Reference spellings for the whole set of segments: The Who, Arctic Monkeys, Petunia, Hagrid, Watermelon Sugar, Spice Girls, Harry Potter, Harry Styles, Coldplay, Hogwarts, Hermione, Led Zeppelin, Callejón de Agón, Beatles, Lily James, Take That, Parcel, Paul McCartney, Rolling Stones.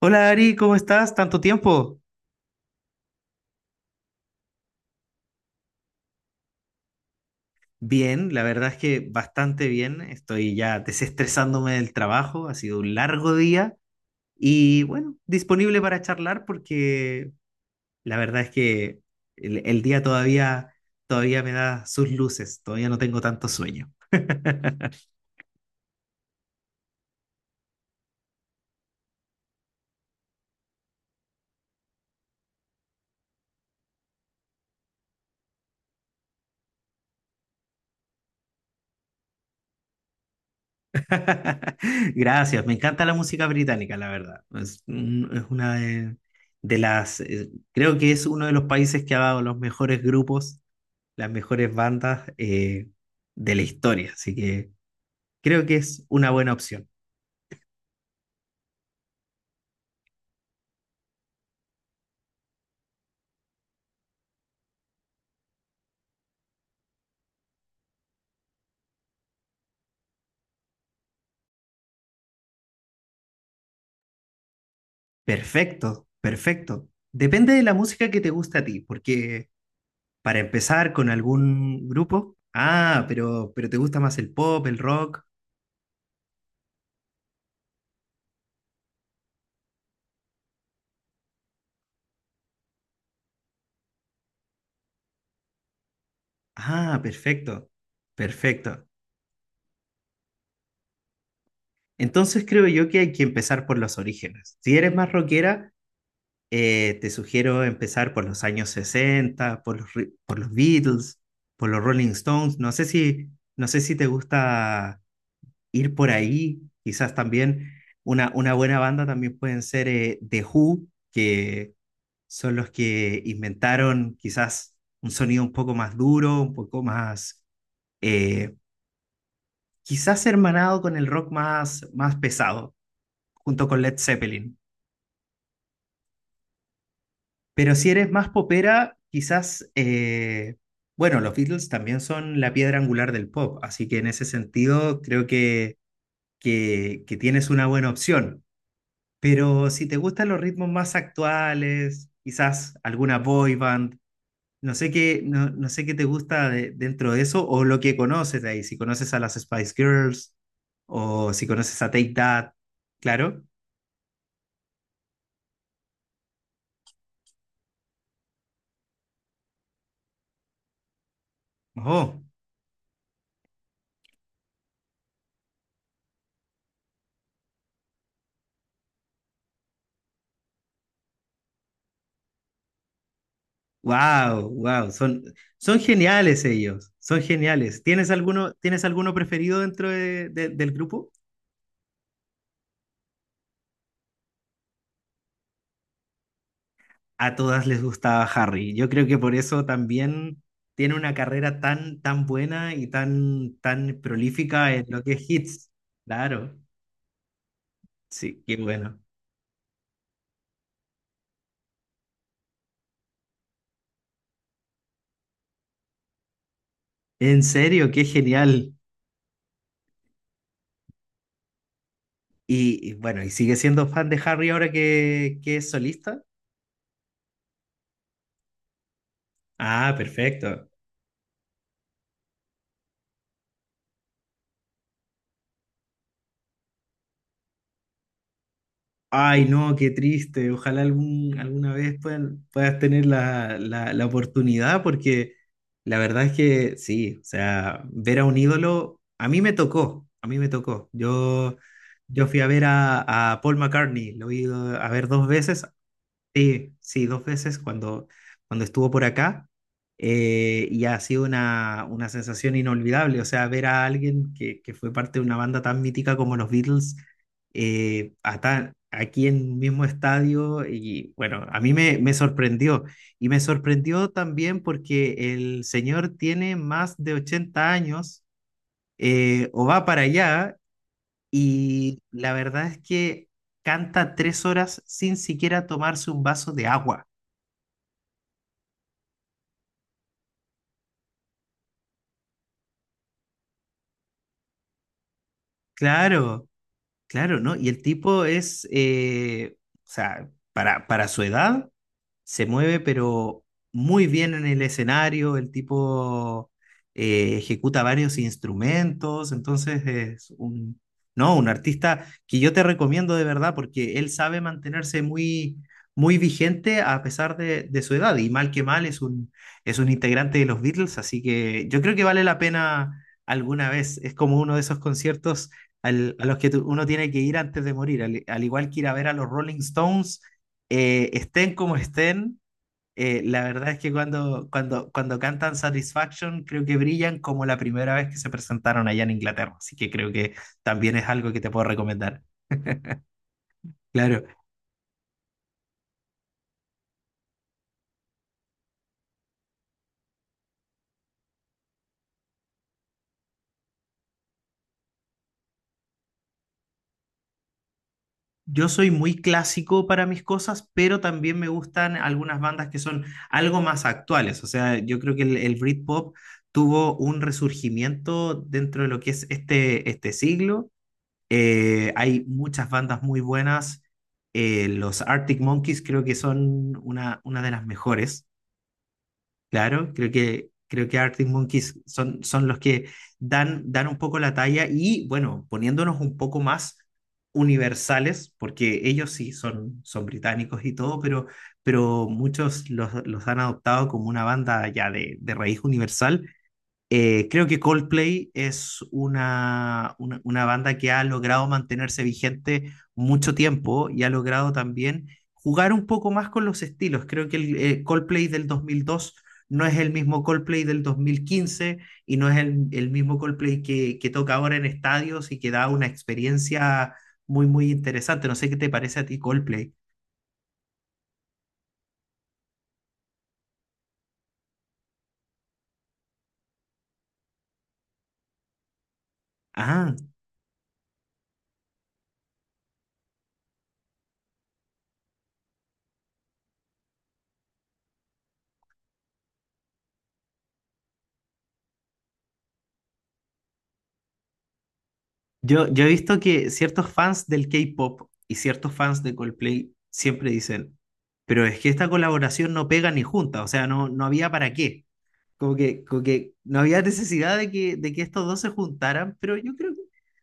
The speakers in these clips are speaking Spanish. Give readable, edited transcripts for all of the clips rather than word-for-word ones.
Hola Ari, ¿cómo estás? ¿Tanto tiempo? Bien, la verdad es que bastante bien. Estoy ya desestresándome del trabajo, ha sido un largo día y bueno, disponible para charlar porque la verdad es que el día todavía, todavía me da sus luces, todavía no tengo tanto sueño. Gracias, me encanta la música británica, la verdad. Es, es una de las, creo que es uno de los países que ha dado los mejores grupos, las mejores bandas de la historia. Así que creo que es una buena opción. Perfecto, perfecto. Depende de la música que te gusta a ti, porque para empezar con algún grupo, ah, pero te gusta más el pop, el rock. Ah, perfecto, perfecto. Entonces creo yo que hay que empezar por los orígenes. Si eres más rockera, te sugiero empezar por los años 60, por los, por los Beatles, por los Rolling Stones. No sé si, no sé si te gusta ir por ahí. Quizás también una buena banda también pueden ser The Who, que son los que inventaron quizás un sonido un poco más duro, un poco más, eh, quizás hermanado con el rock más, más pesado, junto con Led Zeppelin. Pero si eres más popera, quizás, bueno, los Beatles también son la piedra angular del pop, así que en ese sentido creo que, que tienes una buena opción. Pero si te gustan los ritmos más actuales, quizás alguna boy band, no sé qué, no, no sé qué te gusta dentro de eso o lo que conoces de ahí, si conoces a las Spice Girls o si conoces a Take That, claro. Oh. Wow, wow, son, son geniales ellos, son geniales. Tienes alguno preferido dentro del grupo? A todas les gustaba Harry. Yo creo que por eso también tiene una carrera tan, tan buena y tan, tan prolífica en lo que es hits. Claro, sí, qué bueno. En serio, qué genial. Y bueno, ¿y sigue siendo fan de Harry ahora que es solista? Ah, perfecto. Ay, no, qué triste. Ojalá algún, alguna vez puedas tener la, la, la oportunidad, porque la verdad es que sí, o sea, ver a un ídolo, a mí me tocó, a mí me tocó. Yo fui a ver a Paul McCartney, lo he ido a ver dos veces. Sí, sí, dos veces cuando, cuando estuvo por acá, y ha sido una sensación inolvidable, o sea, ver a alguien que fue parte de una banda tan mítica como los Beatles, aquí en un mismo estadio y bueno, a mí me, me sorprendió y me sorprendió también porque el señor tiene más de 80 años, o va para allá, y la verdad es que canta tres horas sin siquiera tomarse un vaso de agua. Claro, claro, ¿no? Y el tipo es, o sea, para su edad, se mueve, pero muy bien en el escenario, el tipo ejecuta varios instrumentos, entonces es un, no, un artista que yo te recomiendo de verdad porque él sabe mantenerse muy, muy vigente a pesar de su edad y mal que mal es un integrante de los Beatles, así que yo creo que vale la pena alguna vez, es como uno de esos conciertos, a los que uno tiene que ir antes de morir, al, al igual que ir a ver a los Rolling Stones, estén como estén, la verdad es que cuando, cuando, cuando cantan Satisfaction, creo que brillan como la primera vez que se presentaron allá en Inglaterra. Así que creo que también es algo que te puedo recomendar. Claro, yo soy muy clásico para mis cosas, pero también me gustan algunas bandas que son algo más actuales. O sea, yo creo que el Britpop tuvo un resurgimiento dentro de lo que es este, este siglo. Hay muchas bandas muy buenas. Los Arctic Monkeys creo que son una de las mejores, claro. Creo que Arctic Monkeys son, son los que dan, dan un poco la talla y, bueno, poniéndonos un poco más universales, porque ellos sí son, son británicos y todo, pero muchos los han adoptado como una banda ya de raíz universal. Creo que Coldplay es una banda que ha logrado mantenerse vigente mucho tiempo y ha logrado también jugar un poco más con los estilos. Creo que el Coldplay del 2002 no es el mismo Coldplay del 2015 y no es el mismo Coldplay que toca ahora en estadios y que da una experiencia muy, muy interesante. No sé qué te parece a ti Coldplay. Ah. Yo he visto que ciertos fans del K-pop y ciertos fans de Coldplay siempre dicen, pero es que esta colaboración no pega ni junta, o sea, no, no había para qué. Como que no había necesidad de que estos dos se juntaran, pero yo creo que,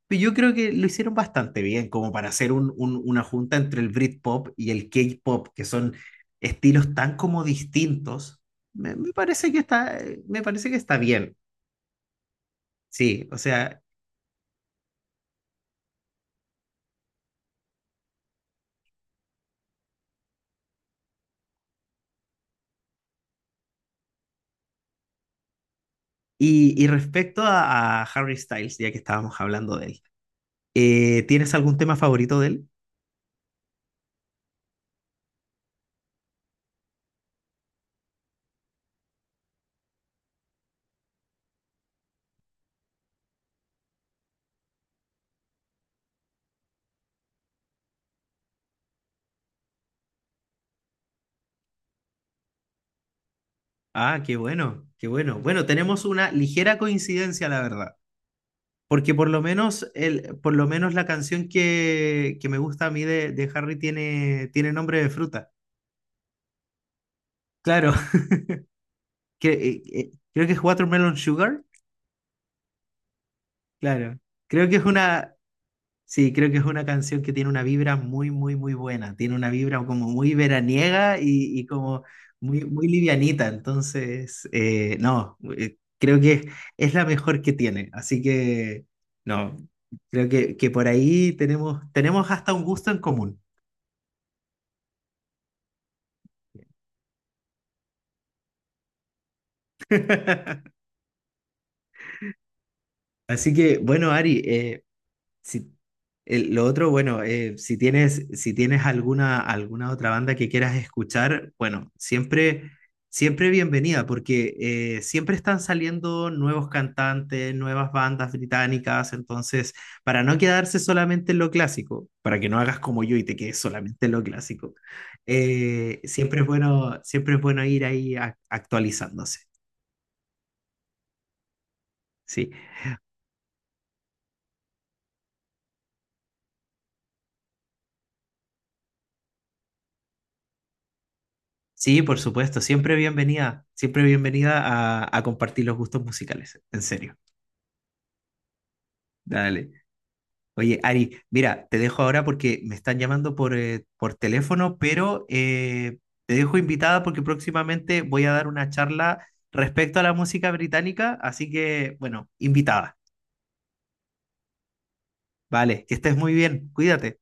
pero yo creo que lo hicieron bastante bien, como para hacer un, una junta entre el Britpop y el K-pop, que son estilos tan como distintos. Me parece que está, me parece que está bien. Sí, o sea, y respecto a Harry Styles, ya que estábamos hablando de él, ¿tienes algún tema favorito de él? Ah, qué bueno, qué bueno. Bueno, tenemos una ligera coincidencia, la verdad. Porque por lo menos, el, por lo menos la canción que me gusta a mí de Harry tiene, tiene nombre de fruta. Claro, que, creo que es Watermelon Sugar. Claro, creo que es una, sí, creo que es una canción que tiene una vibra muy, muy, muy buena. Tiene una vibra como muy veraniega y como muy, muy livianita. Entonces, no, creo que es la mejor que tiene. Así que, no, creo que por ahí tenemos, tenemos hasta un gusto en común. Así que, bueno, Ari, si, lo otro, bueno, si tienes, si tienes alguna, alguna otra banda que quieras escuchar, bueno, siempre, siempre bienvenida, porque siempre están saliendo nuevos cantantes, nuevas bandas británicas, entonces, para no quedarse solamente en lo clásico, para que no hagas como yo y te quedes solamente en lo clásico, siempre es bueno ir ahí actualizándose. Sí. Sí, por supuesto, siempre bienvenida a compartir los gustos musicales, en serio. Dale. Oye, Ari, mira, te dejo ahora porque me están llamando por teléfono, pero te dejo invitada porque próximamente voy a dar una charla respecto a la música británica, así que, bueno, invitada. Vale, que estés muy bien, cuídate.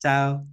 Chao.